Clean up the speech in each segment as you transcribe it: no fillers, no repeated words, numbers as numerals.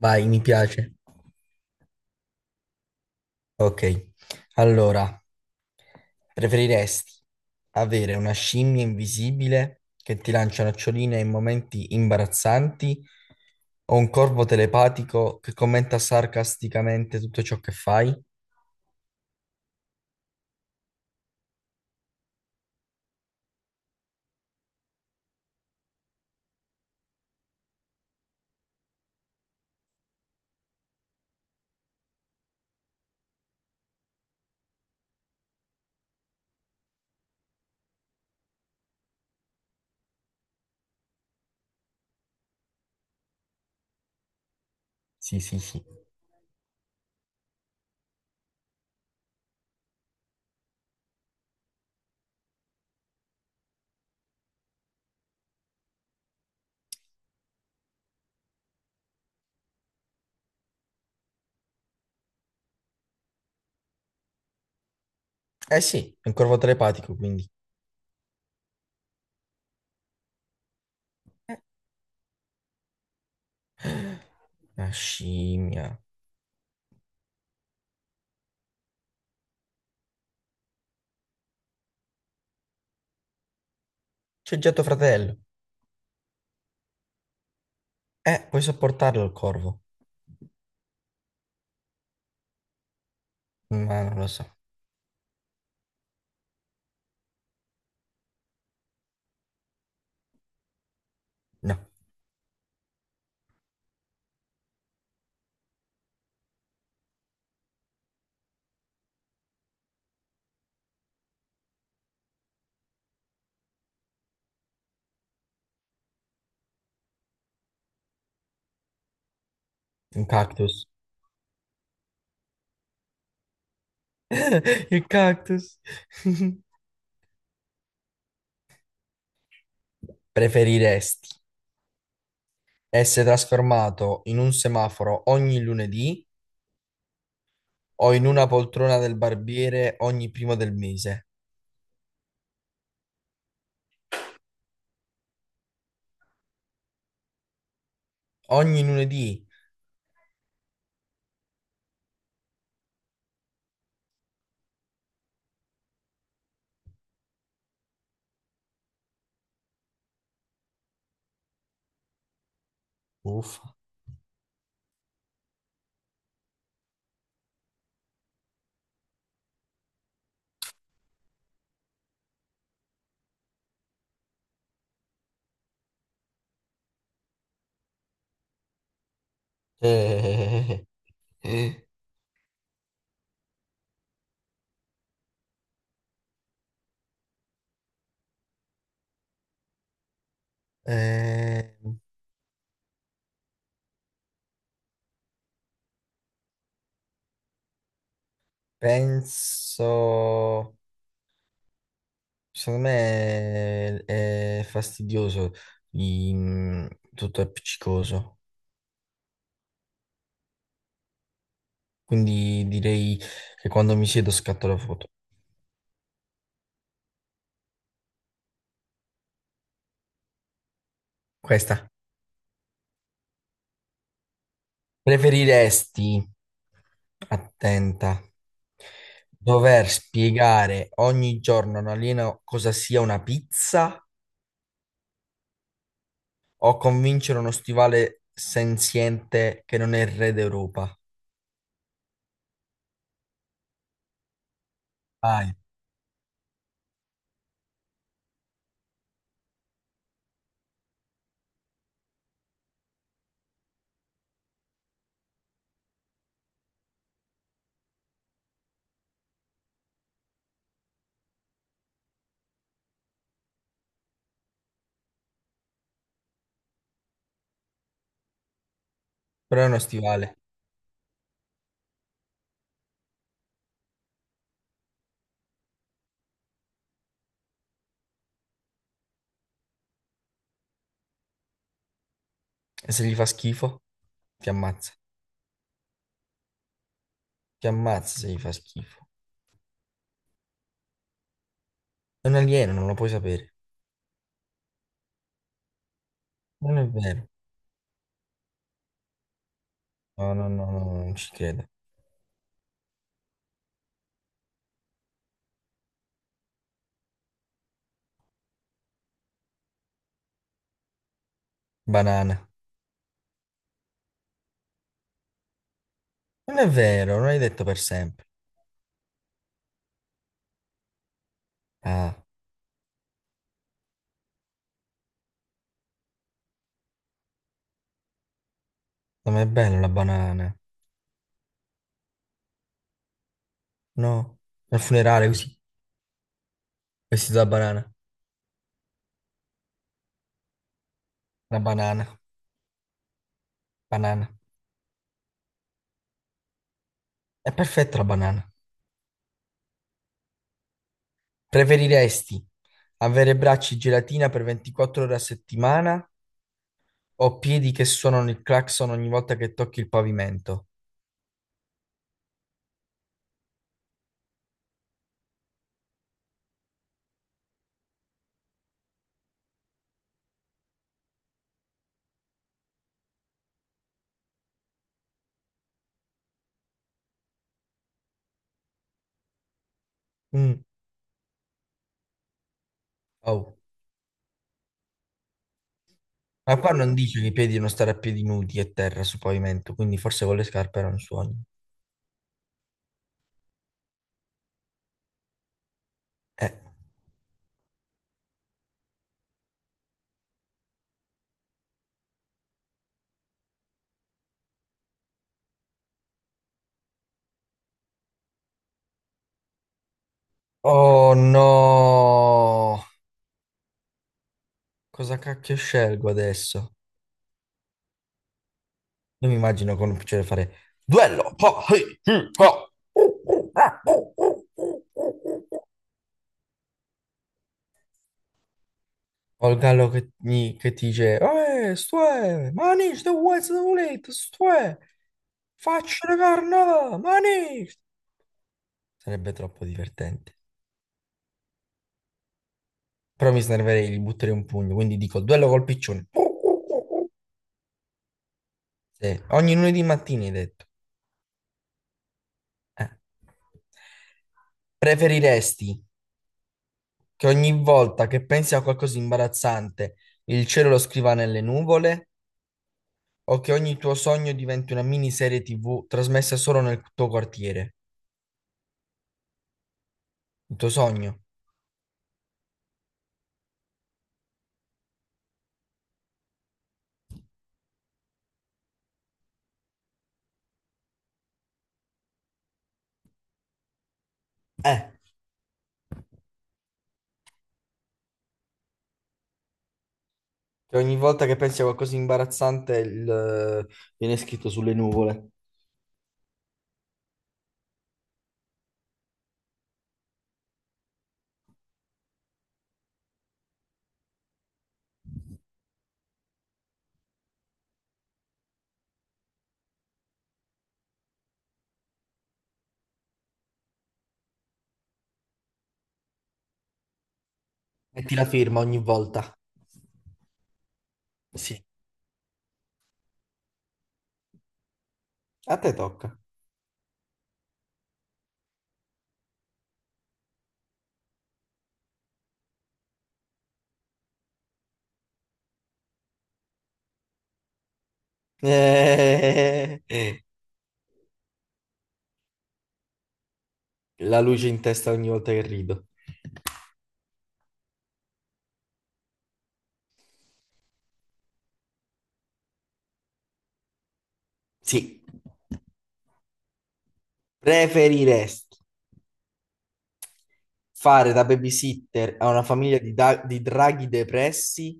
Vai, mi piace. Ok. Allora, preferiresti avere una scimmia invisibile che ti lancia noccioline in momenti imbarazzanti o un corvo telepatico che commenta sarcasticamente tutto ciò che fai? Sì, sì, sì. Eh sì, è un corvo telepatico, quindi. Una scimmia. C'è già tuo fratello. Puoi sopportarlo il corvo. Ma non lo so. No, un cactus. Il cactus. Preferiresti essere trasformato in un semaforo ogni lunedì o in una poltrona del barbiere ogni primo del mese? Ogni lunedì. Uffa. Eh, eh, eh, penso, secondo me è fastidioso, i- tutto è appiccicoso. Quindi direi che quando mi siedo scatto la foto. Questa. Preferiresti, attenta, dover spiegare ogni giorno a un alieno cosa sia una pizza o convincere uno stivale senziente che non è il re d'Europa? Vai, però è uno stivale. E se gli fa schifo, ti ammazza. Ti ammazza se gli fa schifo. È un alieno, non lo puoi sapere. Non è vero. No, no, no, no, no, non ci credo. Banana. Non è vero, non hai detto per sempre. Ah, non è bello la banana. No, al funerale così, vestito da banana. Una banana, banana. È perfetta la banana. Preferiresti avere bracci gelatina per 24 ore a settimana o piedi che suonano il clacson ogni volta che tocchi il pavimento? Mm, oh. Ma qua non dice che i piedi devono stare a piedi nudi e terra sul pavimento, quindi forse con le scarpe non suoni. Eh. Oh no! Cosa cacchio scelgo adesso? Io mi immagino con piacere fare duello! Oh, hey, oh. O il gallo che, che ti dice, stoè, manici, te vuoi se volete, stoè, faccio la carnata, manici. Sarebbe troppo divertente. Però mi snerverei, gli butterei un pugno, quindi dico, duello col piccione. Sì, ogni lunedì mattina hai detto. Eh. Preferiresti che ogni volta che pensi a qualcosa di imbarazzante, il cielo lo scriva nelle nuvole? O che ogni tuo sogno diventi una miniserie TV trasmessa solo nel tuo quartiere. Il tuo sogno. Eh, Che ogni volta che pensi a qualcosa di imbarazzante il, viene scritto sulle nuvole. Metti la firma ogni volta. Sì. A te tocca. Eh, la luce in testa ogni volta che rido. Sì. Preferiresti fare da babysitter a una famiglia di, di draghi depressi.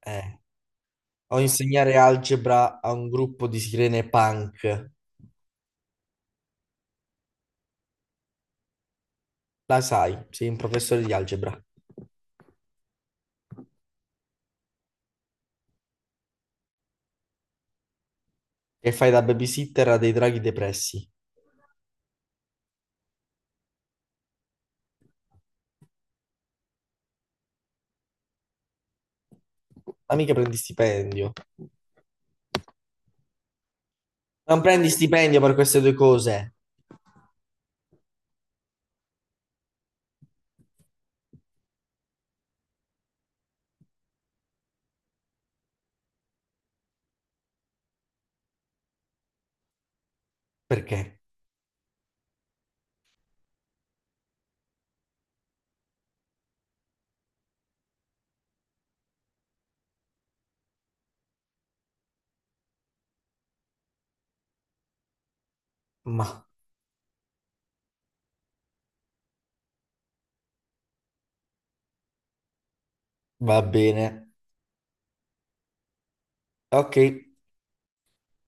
Eh. O insegnare algebra a un gruppo di sirene punk? La sai, sei un professore di algebra e fai da babysitter a dei draghi depressi. Ma mica prendi stipendio. Non prendi stipendio per queste due cose. Perché? Ma va bene. Ok.